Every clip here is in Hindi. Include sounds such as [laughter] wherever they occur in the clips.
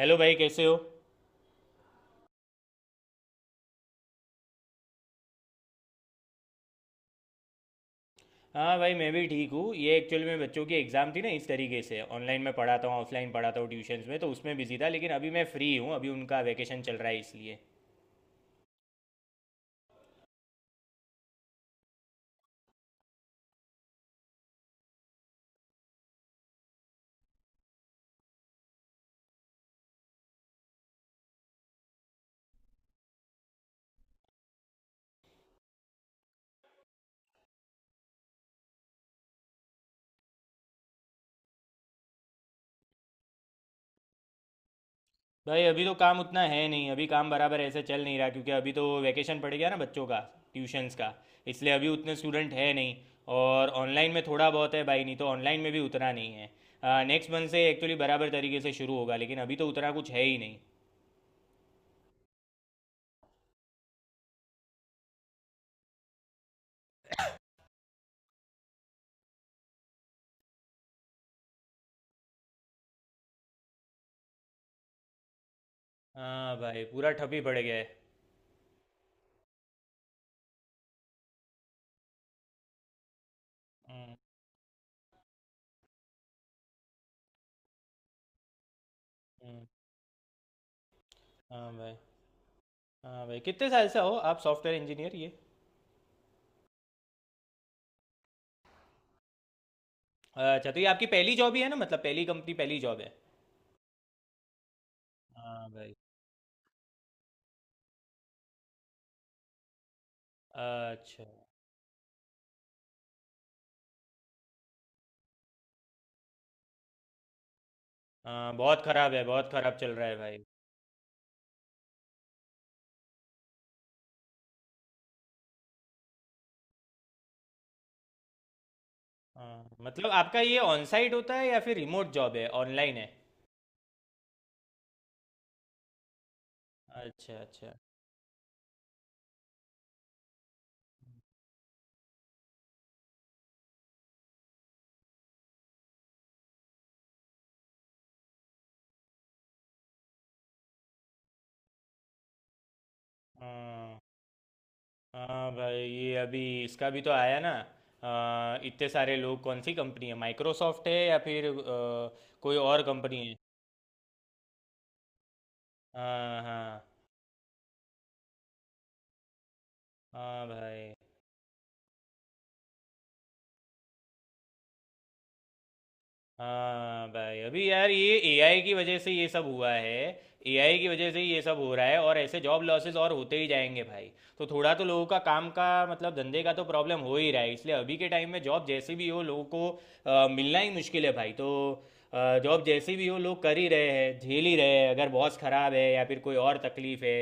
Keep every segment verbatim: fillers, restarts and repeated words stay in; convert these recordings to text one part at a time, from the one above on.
हेलो भाई, कैसे हो। हाँ भाई, मैं भी ठीक हूँ। ये एक्चुअल में बच्चों की एग्ज़ाम थी ना, इस तरीके से ऑनलाइन में पढ़ाता हूँ, ऑफलाइन पढ़ाता हूँ ट्यूशन्स में, तो उसमें बिजी था। लेकिन अभी मैं फ्री हूँ, अभी उनका वैकेशन चल रहा है इसलिए। भाई अभी तो काम उतना है नहीं, अभी काम बराबर ऐसे चल नहीं रहा, क्योंकि अभी तो वैकेशन पड़ गया ना बच्चों का, ट्यूशन्स का। इसलिए अभी उतने स्टूडेंट है नहीं। और ऑनलाइन में थोड़ा बहुत है भाई, नहीं तो ऑनलाइन में भी उतना नहीं है। नेक्स्ट मंथ से एक्चुअली बराबर तरीके से शुरू होगा, लेकिन अभी तो उतना कुछ है ही नहीं। हाँ भाई, पूरा ठप ही पड़ गया है। हम्म, हम्म, हाँ भाई। हाँ भाई, कितने साल से हो आप सॉफ्टवेयर इंजीनियर ये। अच्छा, तो ये आपकी पहली जॉब ही है ना, मतलब पहली कंपनी पहली जॉब है। हाँ भाई। अच्छा। हाँ, बहुत खराब है, बहुत खराब चल रहा है भाई। हाँ, मतलब आपका ये ऑन साइट होता है या फिर रिमोट जॉब है, ऑनलाइन है। अच्छा अच्छा। हाँ। हाँ भाई, ये अभी इसका भी तो आया ना। आ, इतने सारे लोग, कौन सी कंपनी है, माइक्रोसॉफ्ट है या फिर आ, कोई और कंपनी है। हाँ हाँ। हाँ भाई। हाँ भाई, अभी यार ये ए आई की वजह से ये सब हुआ है। ए आई की वजह से ये सब हो रहा है, और ऐसे जॉब लॉसेस और होते ही जाएंगे भाई। तो थोड़ा तो लोगों का काम का, मतलब धंधे का तो प्रॉब्लम हो ही रहा है, इसलिए अभी के टाइम में जॉब जैसी भी हो लोगों को अ, मिलना ही मुश्किल है भाई। तो अ, जॉब जैसी भी हो लोग कर ही रहे हैं, झेल ही रहे हैं। अगर बॉस खराब है या फिर कोई और तकलीफ है,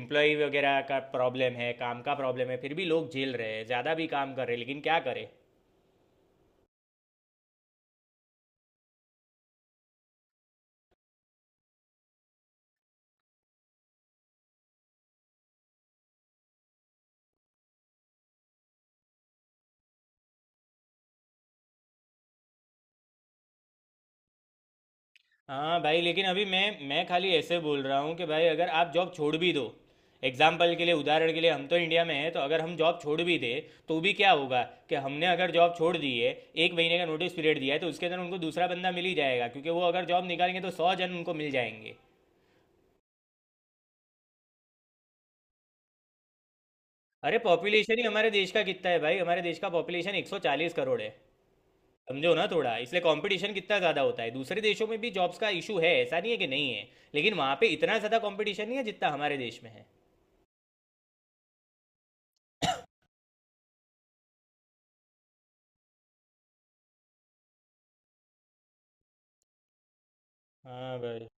एम्प्लॉय वगैरह का प्रॉब्लम है, काम का प्रॉब्लम है, फिर भी लोग झेल रहे हैं, ज़्यादा भी काम कर रहे हैं, लेकिन क्या करें। हाँ भाई, लेकिन अभी मैं मैं खाली ऐसे बोल रहा हूँ कि भाई अगर आप जॉब छोड़ भी दो, एग्जाम्पल के लिए, उदाहरण के लिए, हम तो इंडिया में हैं, तो अगर हम जॉब छोड़ भी दें तो भी क्या होगा। कि हमने अगर जॉब छोड़ दी है, एक महीने का नोटिस पीरियड दिया है, तो उसके अंदर उनको दूसरा बंदा मिल ही जाएगा, क्योंकि वो अगर जॉब निकालेंगे तो सौ जन उनको मिल जाएंगे। अरे, पॉपुलेशन ही हमारे देश का कितना है भाई, हमारे देश का पॉपुलेशन एक सौ चालीस करोड़ है। समझो ना थोड़ा, इसलिए कंपटीशन कितना ज़्यादा होता है। दूसरे देशों में भी जॉब्स का इशू है, ऐसा नहीं है कि नहीं है, लेकिन वहाँ पे इतना ज़्यादा कंपटीशन नहीं है जितना हमारे देश में है। हाँ भाई।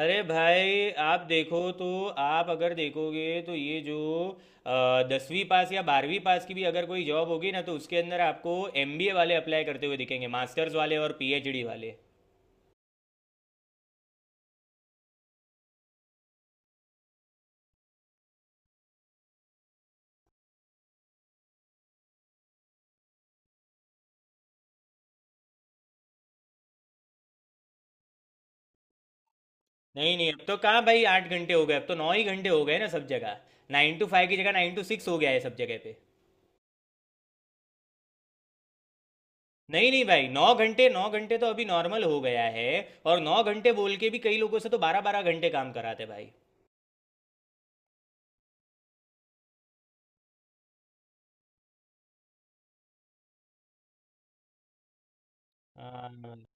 अरे भाई, आप देखो तो, आप अगर देखोगे तो ये जो अ, दसवीं पास या बारहवीं पास की भी अगर कोई जॉब होगी ना, तो उसके अंदर आपको एम बी ए वाले अप्लाई करते हुए दिखेंगे, मास्टर्स वाले और पी एच डी वाले। नहीं नहीं, अब तो कहाँ भाई आठ घंटे हो गए, अब तो नौ ही घंटे हो गए ना सब जगह। नाइन टू फाइव की जगह नाइन टू सिक्स हो गया है सब जगह पे। नहीं नहीं भाई, नौ घंटे नौ घंटे तो अभी नॉर्मल हो गया है। और नौ घंटे बोल के भी कई लोगों से तो बारह बारह घंटे काम कराते भाई। हाँ।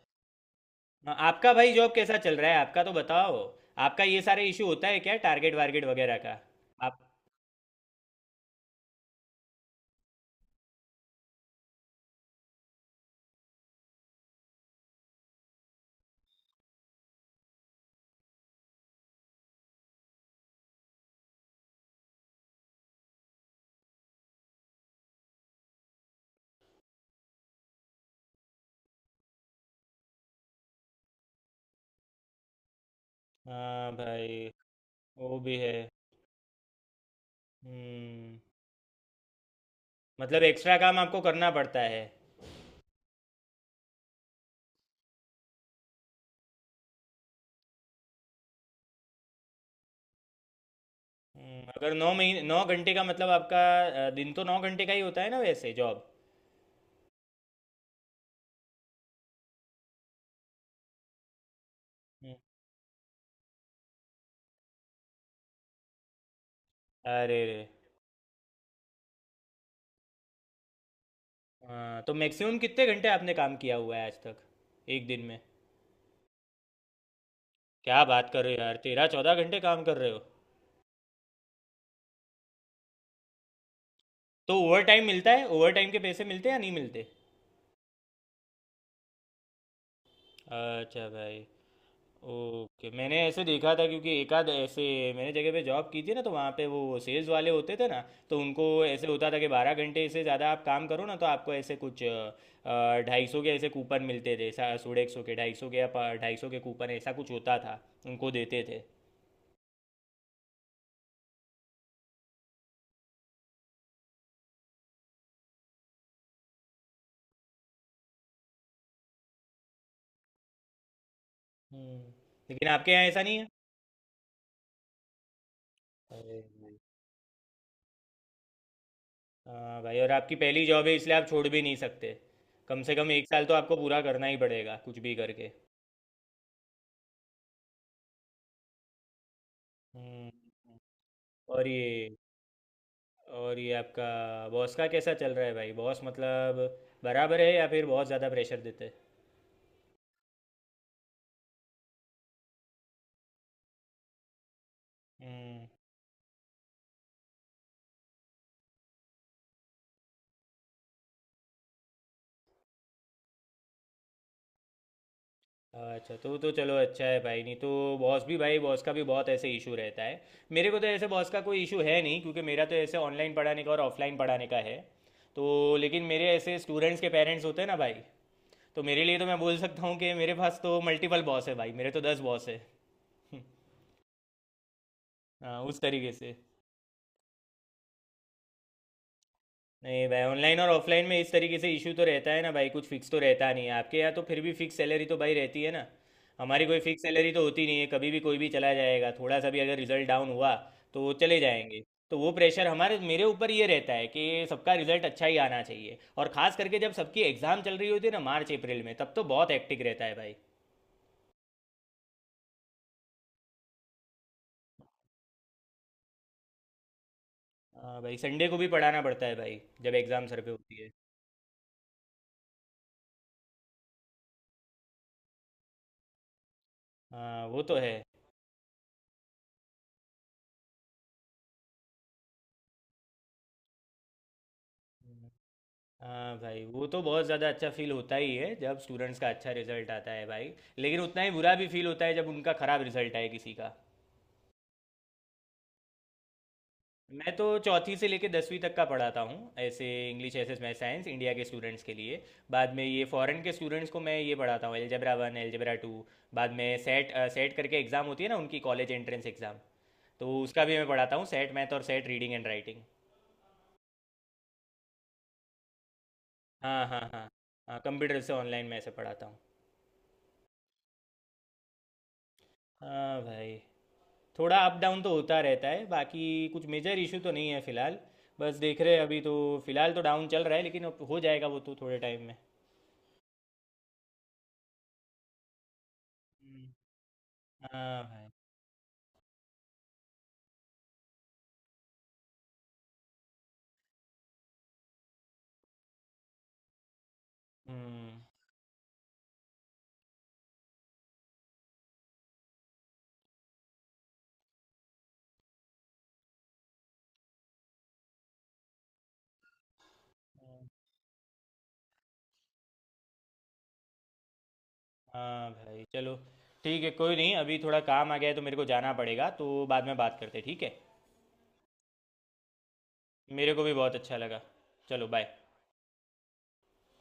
हाँ, आपका भाई जॉब कैसा चल रहा है, आपका तो बताओ। आपका ये सारे इशू होता है क्या, टारगेट वारगेट वगैरह का। आप। हाँ भाई। वो भी है। हम्म मतलब एक्स्ट्रा काम आपको करना पड़ता है। हम्म, अगर नौ महीने नौ घंटे का मतलब आपका अ, दिन तो नौ घंटे का ही होता है ना वैसे जॉब। हम्म, अरे रे। हाँ, तो मैक्सिमम कितने घंटे आपने काम किया हुआ है आज तक, एक दिन में। क्या बात कर रहे हो यार, तेरह चौदह घंटे काम कर रहे हो। तो ओवर टाइम मिलता है, ओवर टाइम के पैसे मिलते हैं या नहीं मिलते। अच्छा भाई। ओके, मैंने ऐसे देखा था क्योंकि एक आध ऐसे मैंने जगह पे जॉब की थी ना, तो वहाँ पे वो सेल्स वाले होते थे ना, तो उनको ऐसे होता था कि बारह घंटे से ज़्यादा आप काम करो ना तो आपको ऐसे कुछ ढाई सौ के ऐसे कूपन मिलते थे। सोलह एक सौ के, ढाई सौ के, या ढाई सौ के कूपन ऐसा कुछ होता था, उनको देते थे। हम्म। लेकिन आपके यहाँ ऐसा नहीं है। अरे भाई। हाँ भाई, और आपकी पहली जॉब है इसलिए आप छोड़ भी नहीं सकते। कम से कम एक साल तो आपको पूरा करना ही पड़ेगा कुछ भी करके। हम्म और ये, और ये आपका बॉस का कैसा चल रहा है भाई, बॉस मतलब बराबर है या फिर बहुत ज़्यादा प्रेशर देते हैं। हम्म, अच्छा। तो तो चलो, अच्छा है भाई, नहीं तो बॉस भी भाई, बॉस का भी बहुत ऐसे इशू रहता है। मेरे को तो ऐसे बॉस का कोई इशू है नहीं, क्योंकि मेरा तो ऐसे ऑनलाइन पढ़ाने का और ऑफलाइन पढ़ाने का है। तो लेकिन मेरे ऐसे स्टूडेंट्स के पेरेंट्स होते हैं ना भाई, तो मेरे लिए तो मैं बोल सकता हूँ कि मेरे पास तो मल्टीपल बॉस है भाई, मेरे तो दस बॉस है। [laughs] हाँ, उस तरीके से। नहीं भाई, ऑनलाइन और ऑफलाइन में इस तरीके से इशू तो रहता है ना भाई, कुछ फिक्स तो रहता नहीं है। आपके यहाँ तो फिर भी फिक्स सैलरी तो भाई रहती है ना, हमारी कोई फिक्स सैलरी तो होती नहीं है। कभी भी कोई भी चला जाएगा, थोड़ा सा भी अगर रिजल्ट डाउन हुआ तो वो चले जाएंगे। तो वो प्रेशर हमारे, मेरे ऊपर ये रहता है कि सबका रिजल्ट अच्छा ही आना चाहिए, और खास करके जब सबकी एग्जाम चल रही होती है ना मार्च अप्रैल में, तब तो बहुत हेक्टिक रहता है भाई। हाँ भाई, संडे को भी पढ़ाना पड़ता है भाई जब एग्जाम सर पे होती है। हाँ वो तो है। हाँ भाई, वो तो बहुत ज़्यादा अच्छा फील होता ही है जब स्टूडेंट्स का अच्छा रिजल्ट आता है भाई। लेकिन उतना ही बुरा भी फील होता है जब उनका ख़राब रिजल्ट आए किसी का। मैं तो चौथी से लेके दसवीं तक का पढ़ाता हूँ ऐसे, English, S S, math, science, India के स्टूडेंट्स के लिए। बाद में ये फॉरेन के स्टूडेंट्स को मैं ये पढ़ाता हूँ, एलजेब्रा वन, एलजेब्रा टू। बाद में सेट, सेट करके एग्ज़ाम होती है ना उनकी, कॉलेज एंट्रेंस एग्ज़ाम, तो उसका भी मैं पढ़ाता हूँ, सेट मैथ और सेट रीडिंग एंड राइटिंग। हाँ हाँ। हाँ। हाँ, कंप्यूटर से ऑनलाइन मैं ऐसे पढ़ाता हूँ। हाँ भाई। थोड़ा अप डाउन तो होता रहता है, बाकी कुछ मेजर इशू तो नहीं है फिलहाल। बस देख रहे हैं अभी तो, फिलहाल तो डाउन चल रहा है लेकिन अब हो जाएगा वो तो थोड़े टाइम में। हम्म, हाँ भाई। हम्म। हाँ। हाँ भाई चलो, ठीक है कोई नहीं, अभी थोड़ा काम आ गया है तो मेरे को जाना पड़ेगा, तो बाद में बात करते हैं, ठीक है। मेरे को भी बहुत अच्छा लगा। चलो बाय।